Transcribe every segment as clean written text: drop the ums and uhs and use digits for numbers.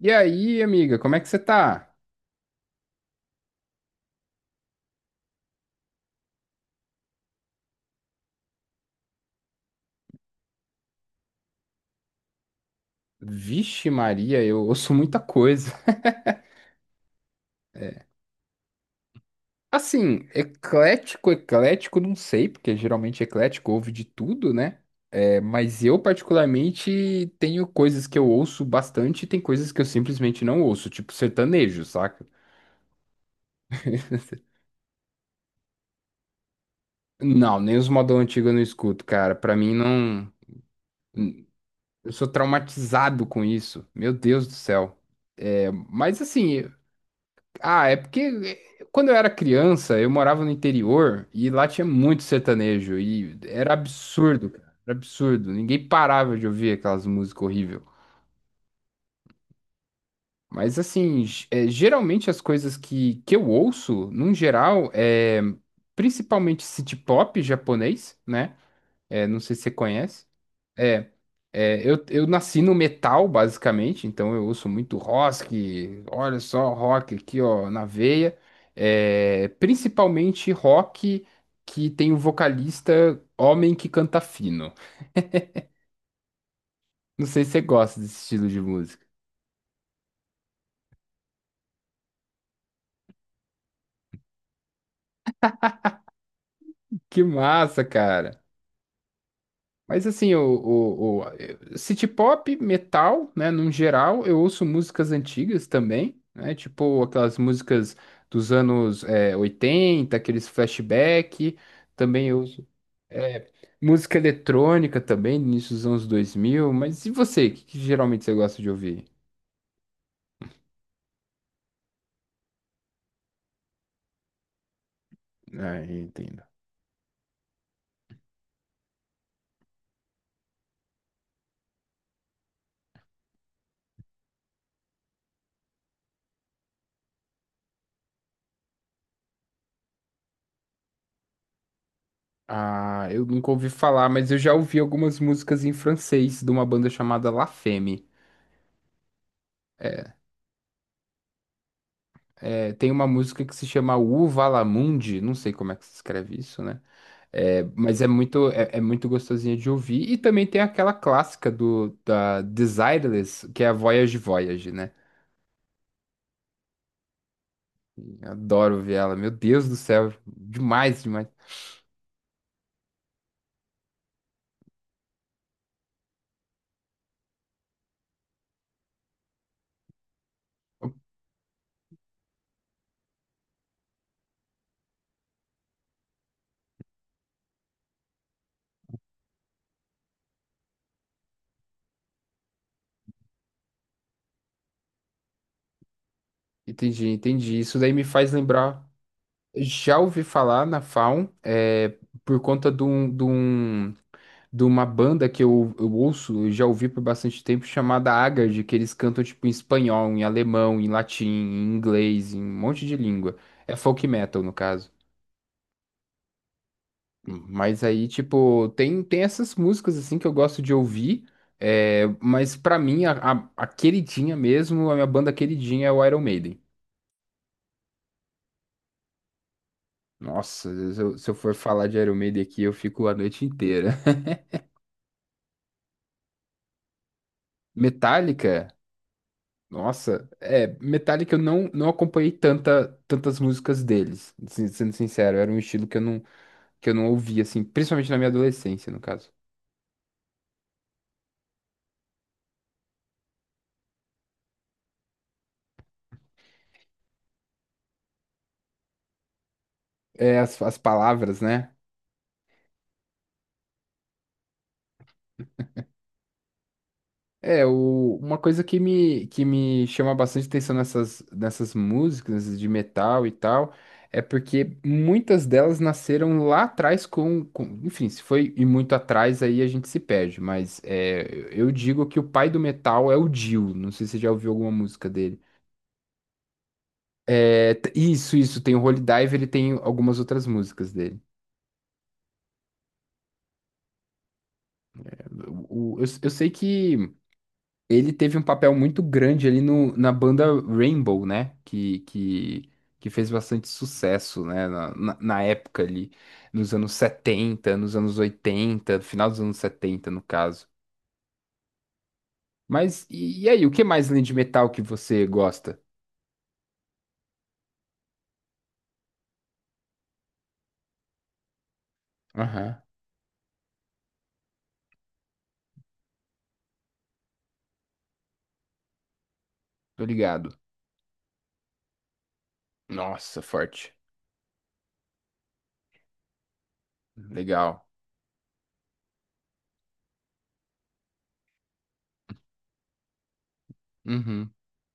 E aí, amiga, como é que você tá? Vixe Maria, eu ouço muita coisa. Assim, eclético, eclético, não sei, porque geralmente eclético ouve de tudo, né? É, mas eu, particularmente, tenho coisas que eu ouço bastante e tem coisas que eu simplesmente não ouço, tipo sertanejo, saca? Não, nem os modão antigo eu não escuto, cara. Pra mim, não. Eu sou traumatizado com isso. Meu Deus do céu. É, mas assim, ah, é porque quando eu era criança, eu morava no interior e lá tinha muito sertanejo e era absurdo, cara, era absurdo. Ninguém parava de ouvir aquelas músicas horríveis. Mas assim, geralmente as coisas que eu ouço, num geral, é principalmente city pop japonês, né? É, não sei se você conhece. É, eu nasci no metal, basicamente, então eu ouço muito rock, olha só, rock aqui, ó, na veia. É, principalmente rock que tem um vocalista homem que canta fino. Não sei se você gosta desse estilo de música. Que massa, cara! Mas assim, city pop, metal, né, num geral, eu ouço músicas antigas também, né, tipo aquelas músicas dos anos 80, aqueles flashback, também eu É, música eletrônica também, início dos anos 2000, mas e você? O que geralmente você gosta de ouvir? Ah, entendo. Ah, eu nunca ouvi falar, mas eu já ouvi algumas músicas em francês de uma banda chamada La Femme. É, tem uma música que se chama Uva la Mundi, não sei como é que se escreve isso, né? É, mas é muito, é muito gostosinha de ouvir. E também tem aquela clássica da Desireless, que é a Voyage Voyage, né? Adoro ouvir ela, meu Deus do céu, demais, demais. Entendi, entendi. Isso daí me faz lembrar. Já ouvi falar na Faun, por conta de uma banda que eu ouço, eu já ouvi por bastante tempo, chamada Haggard, que eles cantam tipo em espanhol, em alemão, em latim, em inglês, em um monte de língua. É folk metal, no caso. Mas aí, tipo, tem essas músicas assim que eu gosto de ouvir. É, mas pra mim, a queridinha mesmo, a minha banda queridinha é o Iron Maiden. Nossa, se eu for falar de Iron Maiden aqui, eu fico a noite inteira. Metallica, nossa, Metallica eu não acompanhei tantas músicas deles, sendo sincero, era um estilo que eu não ouvia, assim, principalmente na minha adolescência, no caso. É, as palavras, né? Uma coisa que me chama bastante atenção nessas músicas, nessas de metal e tal, é porque muitas delas nasceram lá atrás enfim, se foi e muito atrás aí a gente se perde, mas eu digo que o pai do metal é o Dio, não sei se você já ouviu alguma música dele. Isso, isso, tem o Holy Diver. Ele tem algumas outras músicas dele. Eu sei que ele teve um papel muito grande ali no, na banda Rainbow, né? Que fez bastante sucesso, né? Na época ali, nos anos 70, nos anos 80, no final dos anos 70, no caso. Mas e aí, o que mais além de metal que você gosta? Aham, tô ligado. Nossa, forte. Legal. Uhum.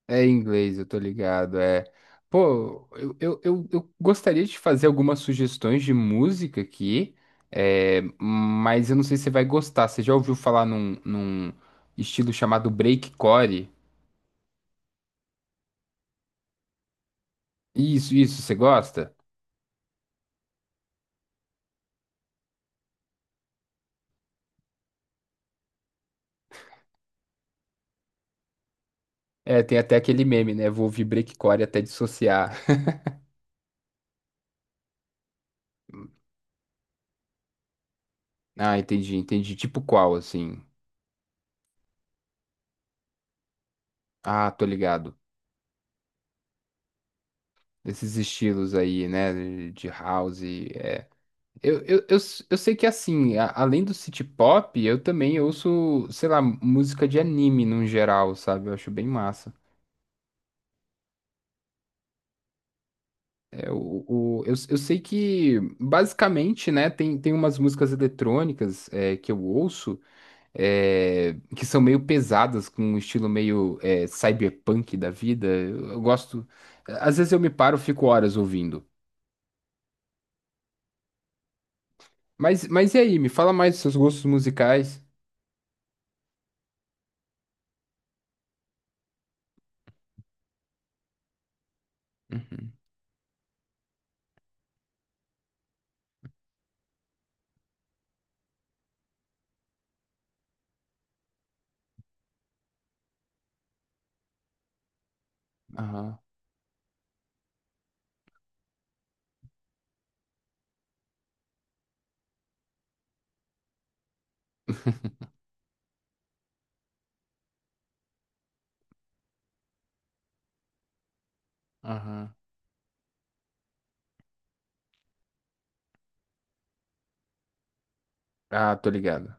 É em inglês, eu tô ligado. É. Pô, eu gostaria de fazer algumas sugestões de música aqui, mas eu não sei se você vai gostar. Você já ouviu falar num estilo chamado breakcore? Isso, você gosta? É, tem até aquele meme, né? Vou ouvir breakcore até dissociar. Ah, entendi, entendi. Tipo qual, assim? Ah, tô ligado. Esses estilos aí, né? De house. Eu sei que assim, além do city pop, eu também ouço, sei lá, música de anime no geral, sabe? Eu acho bem massa. É, o, eu sei que, basicamente, né, tem umas músicas eletrônicas que eu ouço que são meio pesadas, com um estilo meio cyberpunk da vida. Eu gosto. Às vezes eu me paro, fico horas ouvindo. Mas e aí, me fala mais dos seus gostos musicais. Uhum. Aham, aham. Ah, tô ligado.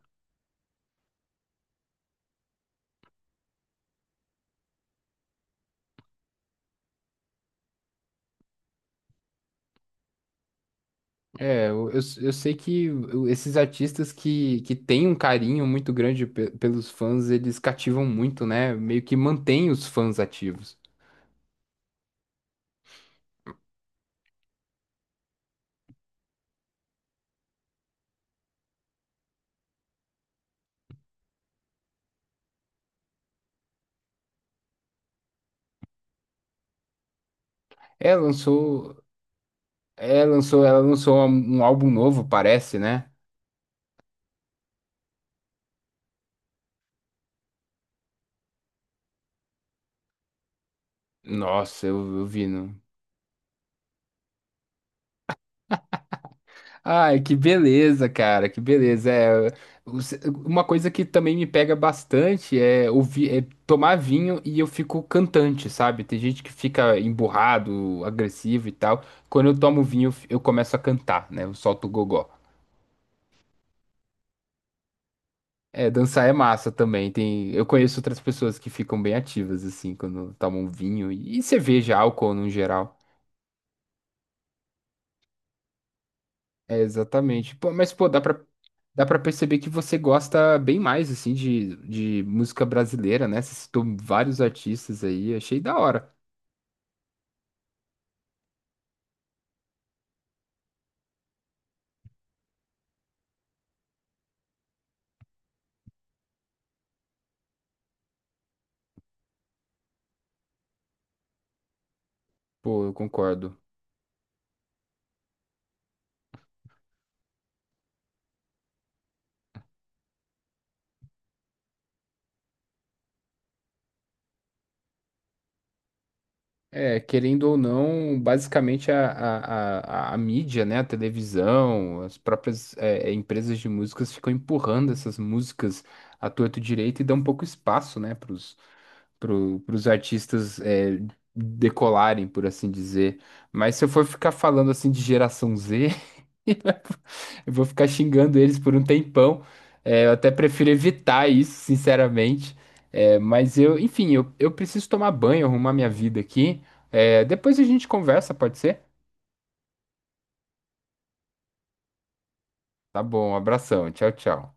É, eu sei que esses artistas que têm um carinho muito grande pelos fãs, eles cativam muito, né? Meio que mantém os fãs ativos. É, lançou, ela lançou um álbum novo, parece, né? Nossa, eu vi. Ai, que beleza, cara, que beleza. Os- uma coisa que também me pega bastante é tomar vinho e eu fico cantante, sabe? Tem gente que fica emburrado, agressivo e tal. Quando eu tomo vinho, eu começo a cantar, né? Eu solto o gogó. É, dançar é massa também. Tem, eu conheço outras pessoas que ficam bem ativas, assim, quando tomam vinho e cerveja, álcool no geral. É, exatamente. Pô, mas, pô, dá pra perceber que você gosta bem mais, assim, de música brasileira, né? Você citou vários artistas aí, achei da hora. Pô, eu concordo. É, querendo ou não, basicamente a mídia, né? A televisão, as próprias empresas de músicas ficam empurrando essas músicas à torto e direito e dão um pouco espaço, né? Pros artistas decolarem, por assim dizer. Mas se eu for ficar falando, assim, de geração Z... Eu vou ficar xingando eles por um tempão. É, eu até prefiro evitar isso, sinceramente. É, mas eu, enfim, eu preciso tomar banho, arrumar minha vida aqui. É, depois a gente conversa, pode ser? Tá bom, um abração, tchau, tchau.